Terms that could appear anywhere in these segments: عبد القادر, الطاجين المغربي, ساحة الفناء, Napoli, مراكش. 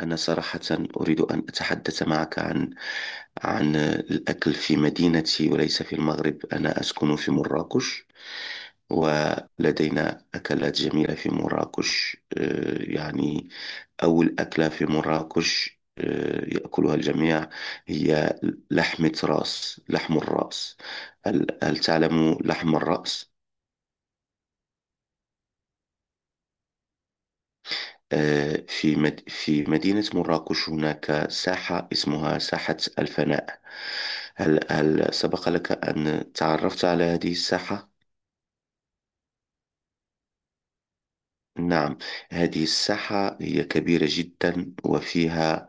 أنا صراحة أريد أن أتحدث معك عن الأكل في مدينتي وليس في المغرب. أنا أسكن في مراكش، ولدينا أكلات جميلة في مراكش. يعني أول أكلة في مراكش يأكلها الجميع هي لحم الرأس. هل تعلم لحم الرأس؟ في مدينة مراكش هناك ساحة اسمها ساحة الفناء. هل سبق لك أن تعرفت على هذه الساحة؟ نعم. هذه الساحة هي كبيرة جدا، وفيها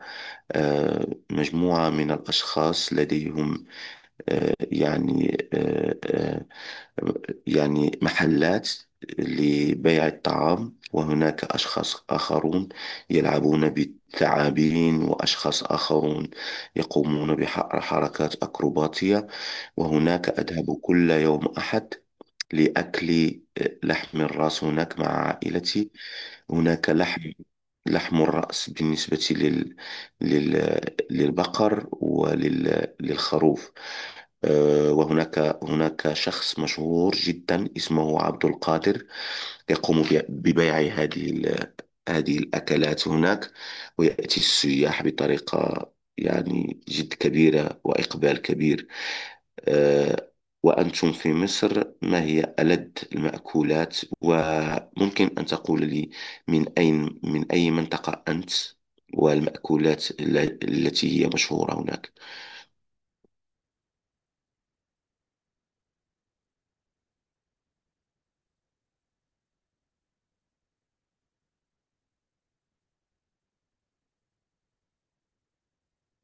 آه، مجموعة من الأشخاص لديهم، آه، يعني آه، آه، يعني محلات لبيع الطعام، وهناك أشخاص آخرون يلعبون بالثعابين، وأشخاص آخرون يقومون بحركات أكروباتية. وهناك أذهب كل يوم أحد لأكل لحم الرأس هناك مع عائلتي. هناك لحم، لحم الرأس بالنسبة لل... للبقر وللخروف. وهناك هناك شخص مشهور جدا اسمه عبد القادر، يقوم ببيع هذه الأكلات هناك، ويأتي السياح بطريقة يعني جد كبيرة وإقبال كبير. آه، وأنتم في مصر، ما هي ألذ المأكولات؟ وممكن أن تقول لي من أين، من أي منطقة أنت، والمأكولات التي هي مشهورة هناك.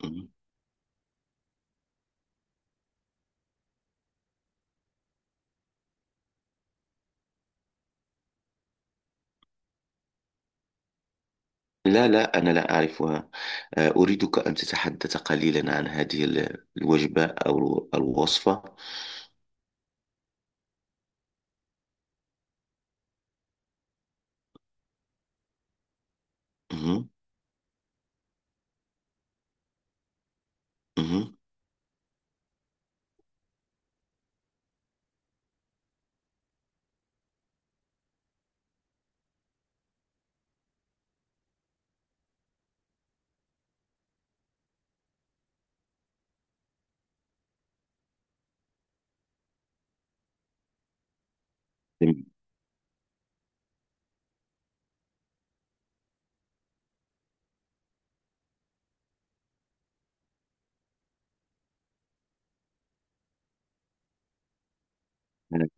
مم. لا، لا، أنا لا أعرفها. أريدك أن تتحدث قليلا عن هذه الوجبة أو الوصفة. مم. مم.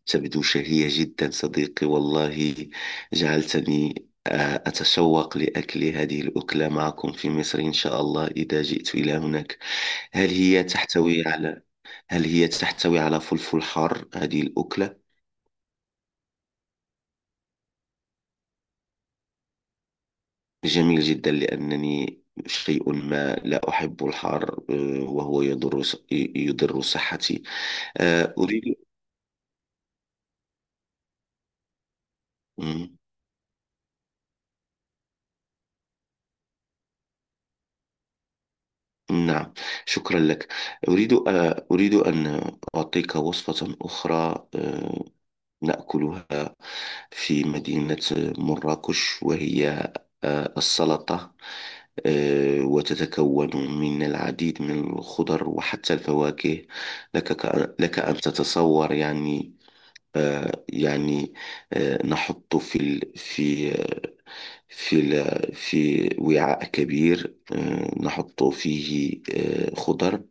تبدو شهية جدا صديقي، والله جعلتني أتشوق لأكل هذه الأكلة معكم في مصر، إن شاء الله إذا جئت إلى هناك. هل هي تحتوي على هل هي تحتوي على فلفل حار هذه الأكلة؟ جميل جدا، لأنني شيء ما لا أحب الحار، وهو يضر يضر صحتي. آه، أريد مم، نعم، شكرا لك. أريد أن أعطيك وصفة أخرى نأكلها في مدينة مراكش، وهي السلطة. وتتكون من العديد من الخضر وحتى الفواكه. لك أن تتصور يعني. آه، يعني نحط في ال- في في لا- في وعاء كبير، نحط فيه خضر.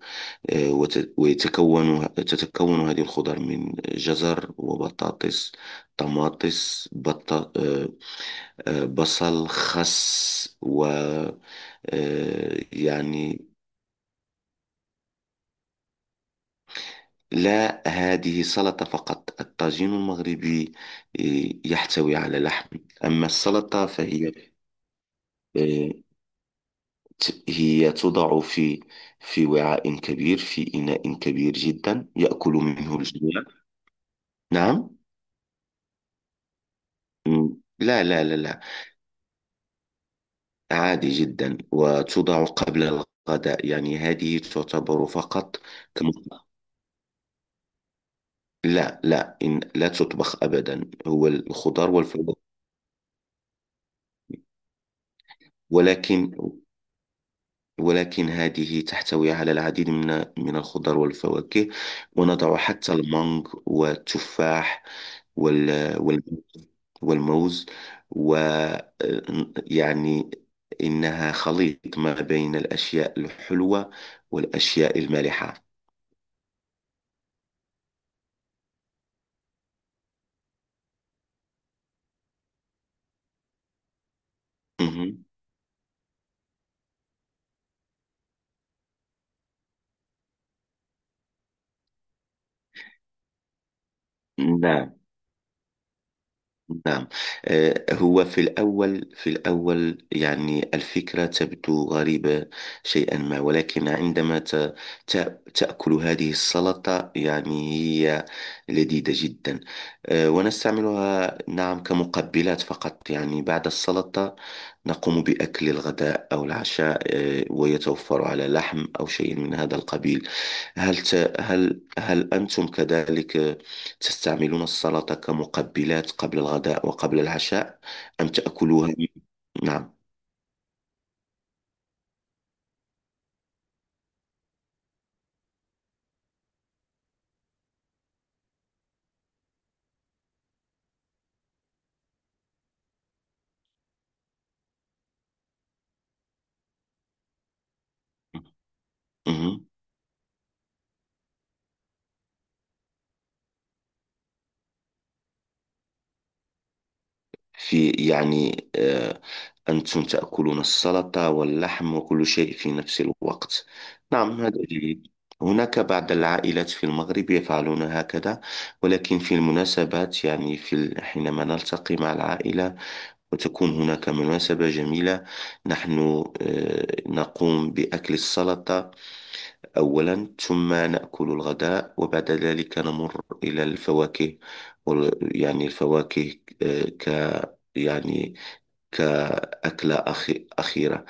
آه، وت- ويتكون تتكون هذه الخضر من جزر وبطاطس، طماطس، بط... آه، آه، بصل، خس، و آه، يعني لا، هذه سلطة فقط. الطاجين المغربي يحتوي على لحم، أما السلطة فهي آه، هي توضع في وعاء كبير، في إناء كبير جدا يأكل منه الجميع. نعم. م- لا، لا، لا، لا. عادي جدا، وتوضع قبل الغداء، يعني هذه تعتبر فقط... كم... لا، لا، إن لا تطبخ أبدا، هو الخضار والفواكه. ولكن ولكن هذه تحتوي على العديد من الخضار والفواكه. ونضع حتى المانغ والتفاح والمانجا، والموز. و يعني، إنها خليط ما بين الأشياء الحلوة والأشياء المالحة. مهم. نعم. نعم. هو في الأول يعني الفكرة تبدو غريبة شيئا ما، ولكن عندما تأكل هذه السلطة يعني هي لذيذة جدا. ونستعملها، نعم، كمقبلات فقط، يعني بعد السلطة نقوم بأكل الغداء أو العشاء، ويتوفر على لحم أو شيء من هذا القبيل. هل ت... هل هل أنتم كذلك تستعملون السلطة كمقبلات قبل الغداء وقبل العشاء، أم تأكلوها؟ نعم. مهم. في يعني أنتم تأكلون السلطة واللحم وكل شيء في نفس الوقت؟ نعم، هذا جيد. هناك بعض العائلات في المغرب يفعلون هكذا، ولكن في المناسبات، يعني في حينما نلتقي مع العائلة وتكون هناك مناسبة جميلة، نحن نقوم بأكل السلطة أولا، ثم نأكل الغداء، وبعد ذلك نمر إلى الفواكه يعني الفواكه آه، ك يعني كأكلة أخيرة.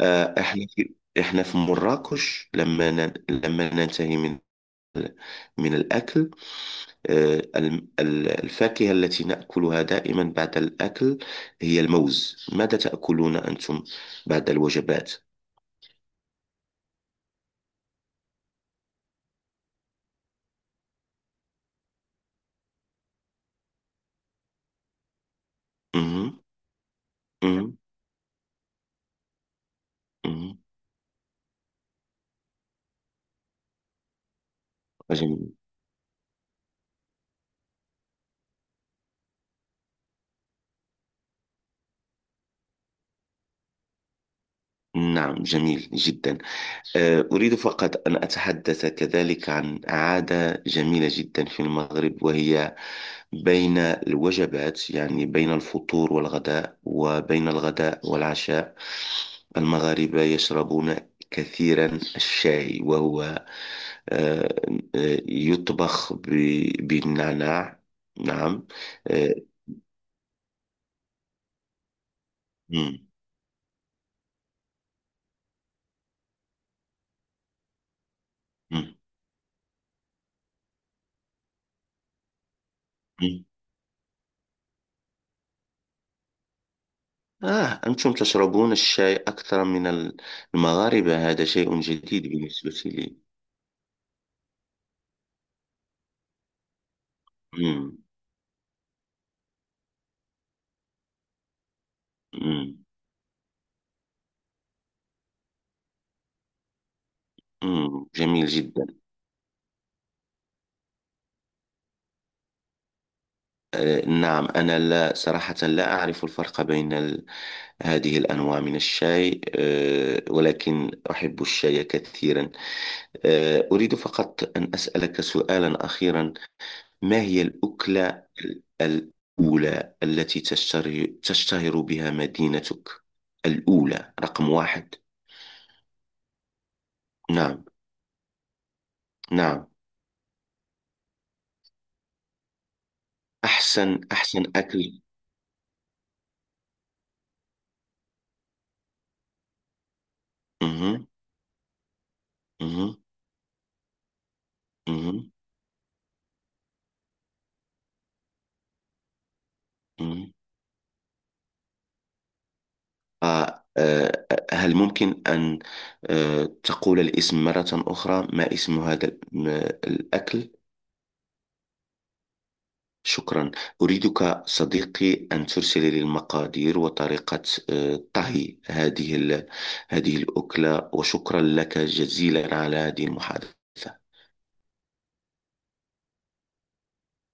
آه، إحنا في إحنا في مراكش، لما ننتهي ال- من الأكل، الفاكهة التي نأكلها دائما بعد الأكل هي الموز. ماذا تأكلون أنتم بعد الوجبات؟ مهم. مهم. مهم. جميل. نعم، جميل جدا. أريد فقط أن أتحدث كذلك عن عادة جميلة جدا في المغرب، وهي بين الوجبات، يعني بين الفطور والغداء، وبين الغداء والعشاء، المغاربة يشربون كثيرا الشاي، وهو آه، يطبخ بالنعناع. نعم. آه، مم، مم، أنتم تشربون الشاي أكثر من المغاربة؟ هذا شيء جديد بالنسبة لي. مم. مم. مم. جميل جدا. نعم، أنا لا، صراحة لا أعرف الفرق بين هذه الأنواع من الشاي، ولكن أحب الشاي كثيرا. أريد فقط أن أسألك سؤالا أخيرا. ما هي الأكلة الأولى التي تشتهر بها مدينتك، الأولى، رقم واحد؟ نعم. نعم. أحسن، أحسن أكل. مه. مه. مه. مه. آه. آه. هل ممكن أن... تقول الاسم مرة أخرى، ما اسم الأكل؟ شكرا. أريدك صديقي أن ترسل لي المقادير وطريقة طهي هذه الأكلة، وشكرا لك جزيلا على هذه المحادثة.